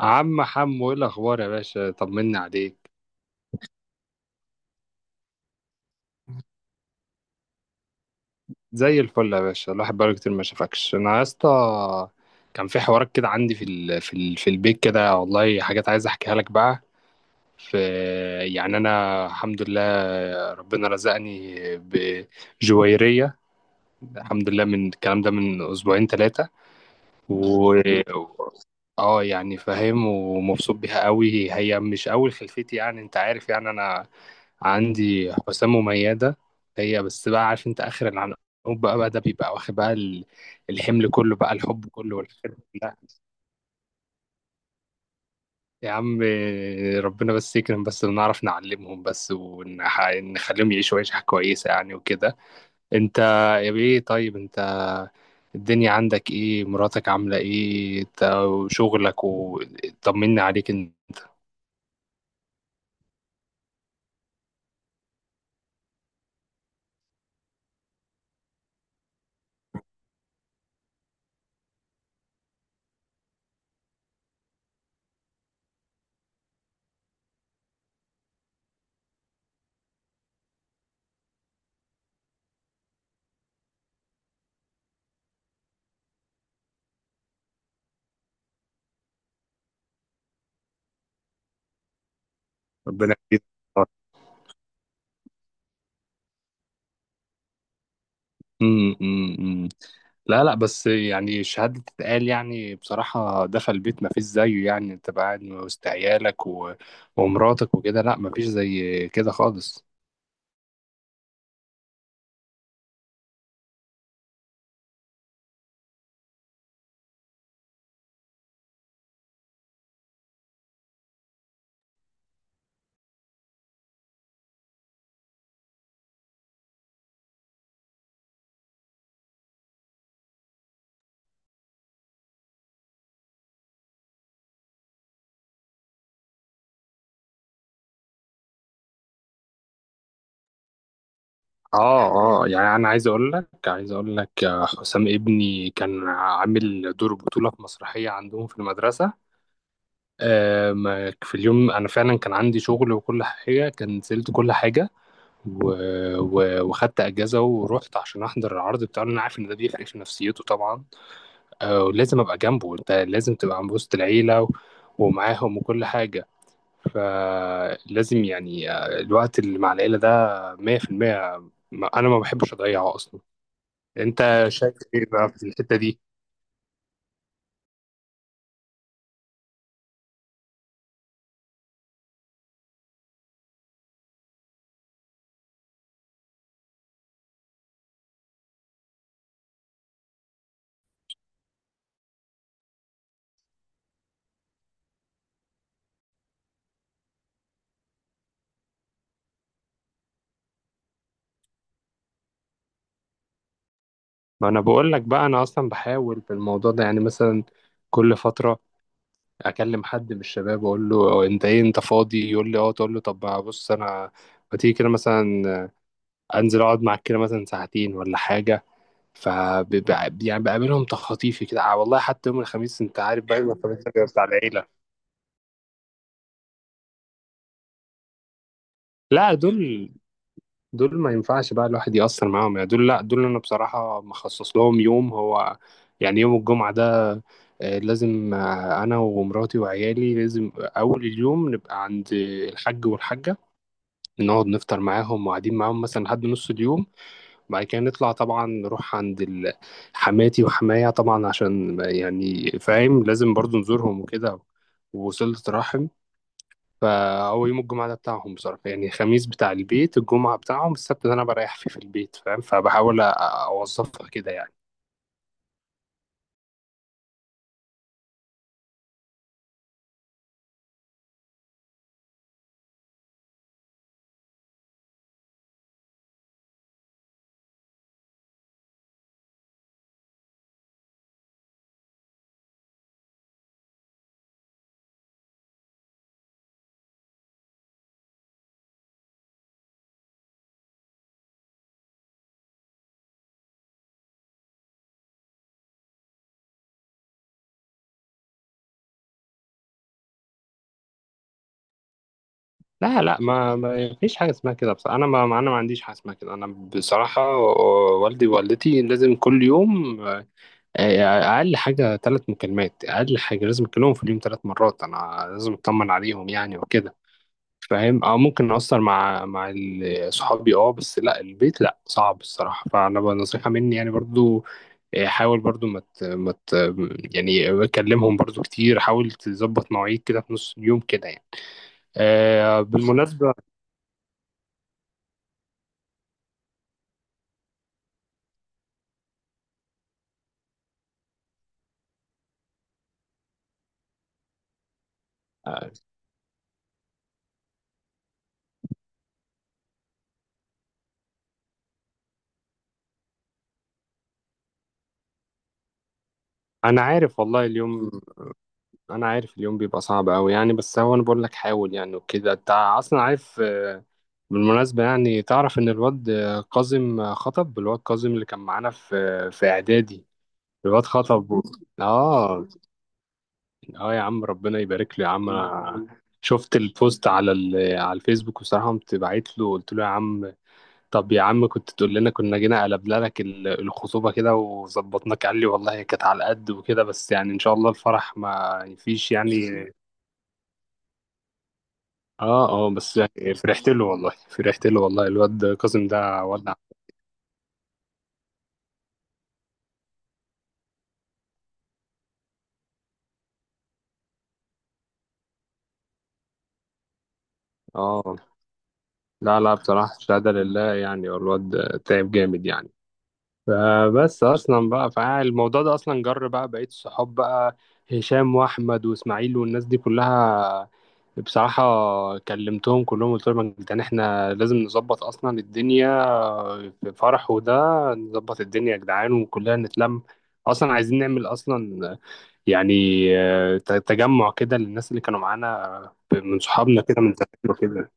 عم حمو ايه الاخبار يا باشا طمنا عليك. زي الفل يا باشا، الواحد بقاله كتير ما شافكش انا يا اسطى. كان في حوارات كده عندي في في البيت كده، والله حاجات عايز احكيها لك بقى. في، يعني انا الحمد لله ربنا رزقني بجويرية، الحمد لله، من الكلام ده من اسبوعين ثلاثة. و اه، يعني فاهم ومبسوط بيها قوي. هي مش اول خلفتي يعني، انت عارف، يعني انا عندي حسام مميزة. هي بس، بقى عارف انت، اخر العنقود. بقى ده بيبقى واخد بقى الحمل كله بقى، الحب كله والحاجات. لا يا عم، ربنا بس يكرم بس، ونعرف نعلمهم بس، ونخليهم يعيشوا عيشة كويسة يعني وكده. انت يا بيه، طيب انت الدنيا عندك ايه، مراتك عاملة ايه، وشغلك، وطمني عليك ان. ربنا يكرمك. أمم، أمم، أمم. لا لا، بس يعني الشهادة تتقال يعني، بصراحة دفى البيت ما فيش زيه يعني، انت بقى قاعد وسط عيالك و... ومراتك وكده، لا ما فيش زي كده خالص. اه اه، يعني انا عايز اقول لك حسام ابني كان عامل دور بطولة في مسرحية عندهم في المدرسة. ما في اليوم انا فعلا كان عندي شغل وكل حاجه، كان نزلت كل حاجه، و... وخدت اجازه ورحت عشان احضر العرض بتاعه، لأن انا عارف ان ده بيفرق في نفسيته طبعا. ولازم ابقى جنبه، انت لازم تبقى عند وسط العيله و... ومعاهم وكل حاجه. فلازم يعني الوقت اللي مع العيله ده 100%، ما... انا ما بحبش اضيعه اصلا. انت شايف ايه بقى في الحته دي؟ ما انا بقول لك بقى، انا اصلا بحاول في الموضوع ده يعني، مثلا كل فتره اكلم حد من الشباب واقول له انت ايه، انت فاضي؟ يقول لي اه، تقول له طب بص انا، ما تيجي كده مثلا، انزل اقعد معاك كده مثلا ساعتين ولا حاجه. ف، يعني بقابلهم تخطيفي كده. آه والله حتى يوم الخميس، انت عارف بقى يوم الخميس ده بيبقى بتاع العيله. لا دول، دول ما ينفعش بقى الواحد يأثر معاهم يعني. دول لا، دول انا بصراحه مخصص لهم يوم، هو يعني يوم الجمعه ده. لازم انا ومراتي وعيالي لازم اول اليوم نبقى عند الحاج والحاجه، نقعد نفطر معاهم، وقاعدين معاهم مثلا لحد نص اليوم. وبعد كده نطلع طبعا نروح عند حماتي وحمايا طبعا، عشان يعني فاهم، لازم برضو نزورهم وكده، ووصلة رحم. فهو يوم الجمعة ده بتاعهم بصراحة يعني، الخميس بتاع البيت، الجمعة بتاعهم، السبت ده أنا بريح فيه في البيت، فاهم؟ فبحاول أوظفها كده يعني. لا لا، ما فيش حاجة اسمها كده بصراحة. أنا ما عنديش حاجة اسمها كده. أنا بصراحة والدي ووالدتي لازم كل يوم، آه، اقل حاجه ثلاث مكالمات، اقل حاجه لازم اكلمهم في اليوم ثلاث مرات، انا لازم اطمن عليهم يعني وكده، فاهم. اه ممكن اقصر مع صحابي اه، بس لا البيت لا، صعب الصراحه. فانا بقى نصيحه مني يعني برضو، حاول برضو، ما مت مت يعني اكلمهم برضو كتير، حاول تظبط مواعيد كده في نص اليوم كده يعني. آه بالمناسبة، آه، أنا عارف والله اليوم، أنا عارف اليوم بيبقى صعب أوي يعني، بس هو أنا بقول لك حاول يعني وكده، أنت أصلا عارف. بالمناسبة يعني، تعرف إن الواد كاظم خطب؟ الواد كاظم اللي كان معانا في إعدادي، الواد خطب و... آه. آه يا عم، ربنا يبارك له يا عم، أنا شفت البوست على على الفيسبوك، وصراحة قمت بعت له قلت له يا عم، طب يا عم كنت تقول لنا، كنا جينا قلبنا لك الخطوبة كده وظبطناك. قال لي والله هي كانت على قد وكده، بس يعني إن شاء الله الفرح ما فيش يعني. آه آه، بس يعني فرحت له والله، فرحت له والله. الواد كاظم ده ولع. اه لا لا، بصراحة الشهادة لله يعني، والواد تعب جامد يعني. فبس أصلا بقى، فالموضوع ده أصلا جر بقى بقية الصحاب بقى، هشام وأحمد وإسماعيل والناس دي كلها. بصراحة كلمتهم كلهم قلت لهم يا جدعان، احنا لازم نظبط أصلا الدنيا، في فرح وده، نظبط الدنيا يا جدعان، وكلنا نتلم. أصلا عايزين نعمل أصلا يعني تجمع كده للناس اللي كانوا معانا، من صحابنا كده من زمان وكده.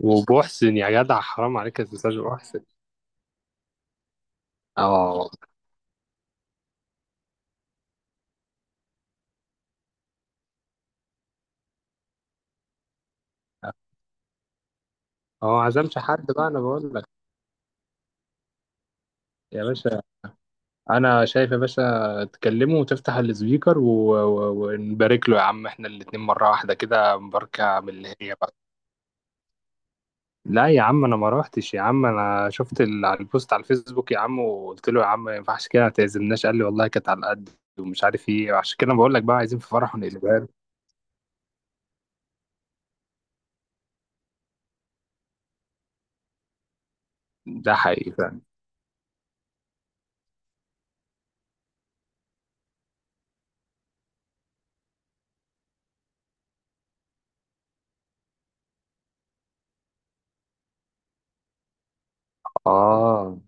وبحسن يا جدع، حرام عليك يا استاذ محسن. اه، هو ما عزمش حد بقى، انا بقول لك. يا باشا، انا شايف يا باشا تكلمه وتفتح السبيكر ونبارك له يا عم، احنا الاتنين مرة واحدة كده، مباركة من اللي هي بقى. لا يا عم، انا ما روحتش يا عم، انا شفت على البوست على الفيسبوك يا عم، وقلت له يا عم ما ينفعش كده، ما تعزمناش. قال لي والله كانت على قد ومش عارف ايه. عشان كده بقول لك بقى، عايزين في فرح ونقلبها له. ده حقيقي فعلا. اه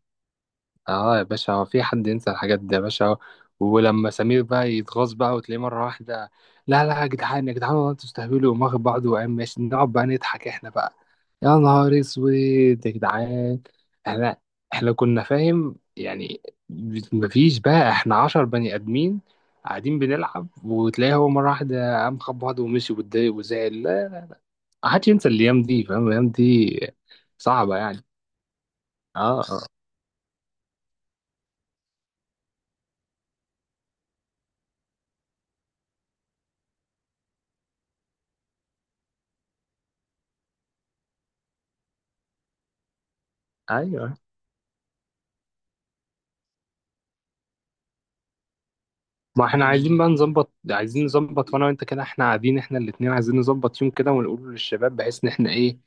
اه يا باشا، هو في حد ينسى الحاجات دي يا باشا؟ ولما سمير بقى يتغاظ بقى، وتلاقيه مرة واحدة، لا لا يا جدعان يا جدعان، والله انتوا تستهبلوا، وقام واخد بعضه وقام ماشي، نقعد بقى نضحك احنا بقى. يا نهار اسود يا جدعان، احنا احنا كنا فاهم يعني، مفيش بقى، احنا عشر بني ادمين قاعدين بنلعب، وتلاقيه هو مرة واحدة قام خد بعضه ومشي واتضايق وزعل. لا، محدش ينسى الايام دي، فاهم، الايام دي صعبة يعني. اه اه. ايوه، ما احنا عايزين بقى نظبط، عايزين نظبط، وانا وانت كده احنا قاعدين احنا الاتنين، عايزين نظبط يوم كده ونقوله للشباب، بحيث ان احنا ايه،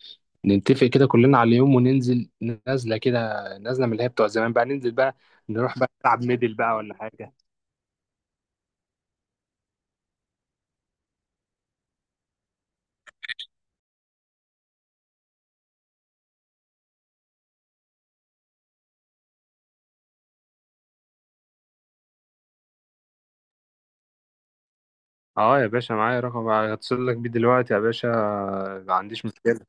نتفق كده كلنا على يوم وننزل، نازله كده، نازله من اللي هي بتوع زمان بقى، ننزل بقى، نروح بقى نلعب ميدل بقى ولا حاجه. اه يا باشا، معايا رقم، هتصل لك بيه دلوقتي يا باشا، ما عنديش مشكله.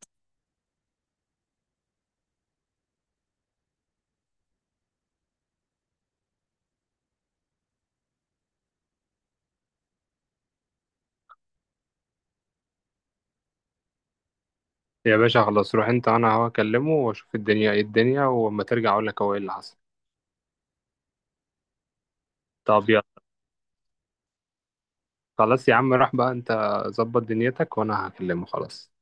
يا باشا خلاص، روح انت، انا هو اكلمه واشوف الدنيا ايه الدنيا، واما ترجع اقول لك هو ايه اللي حصل. طب يلا، خلاص يا عم، روح بقى انت، ظبط دنيتك وانا هكلمه خلاص.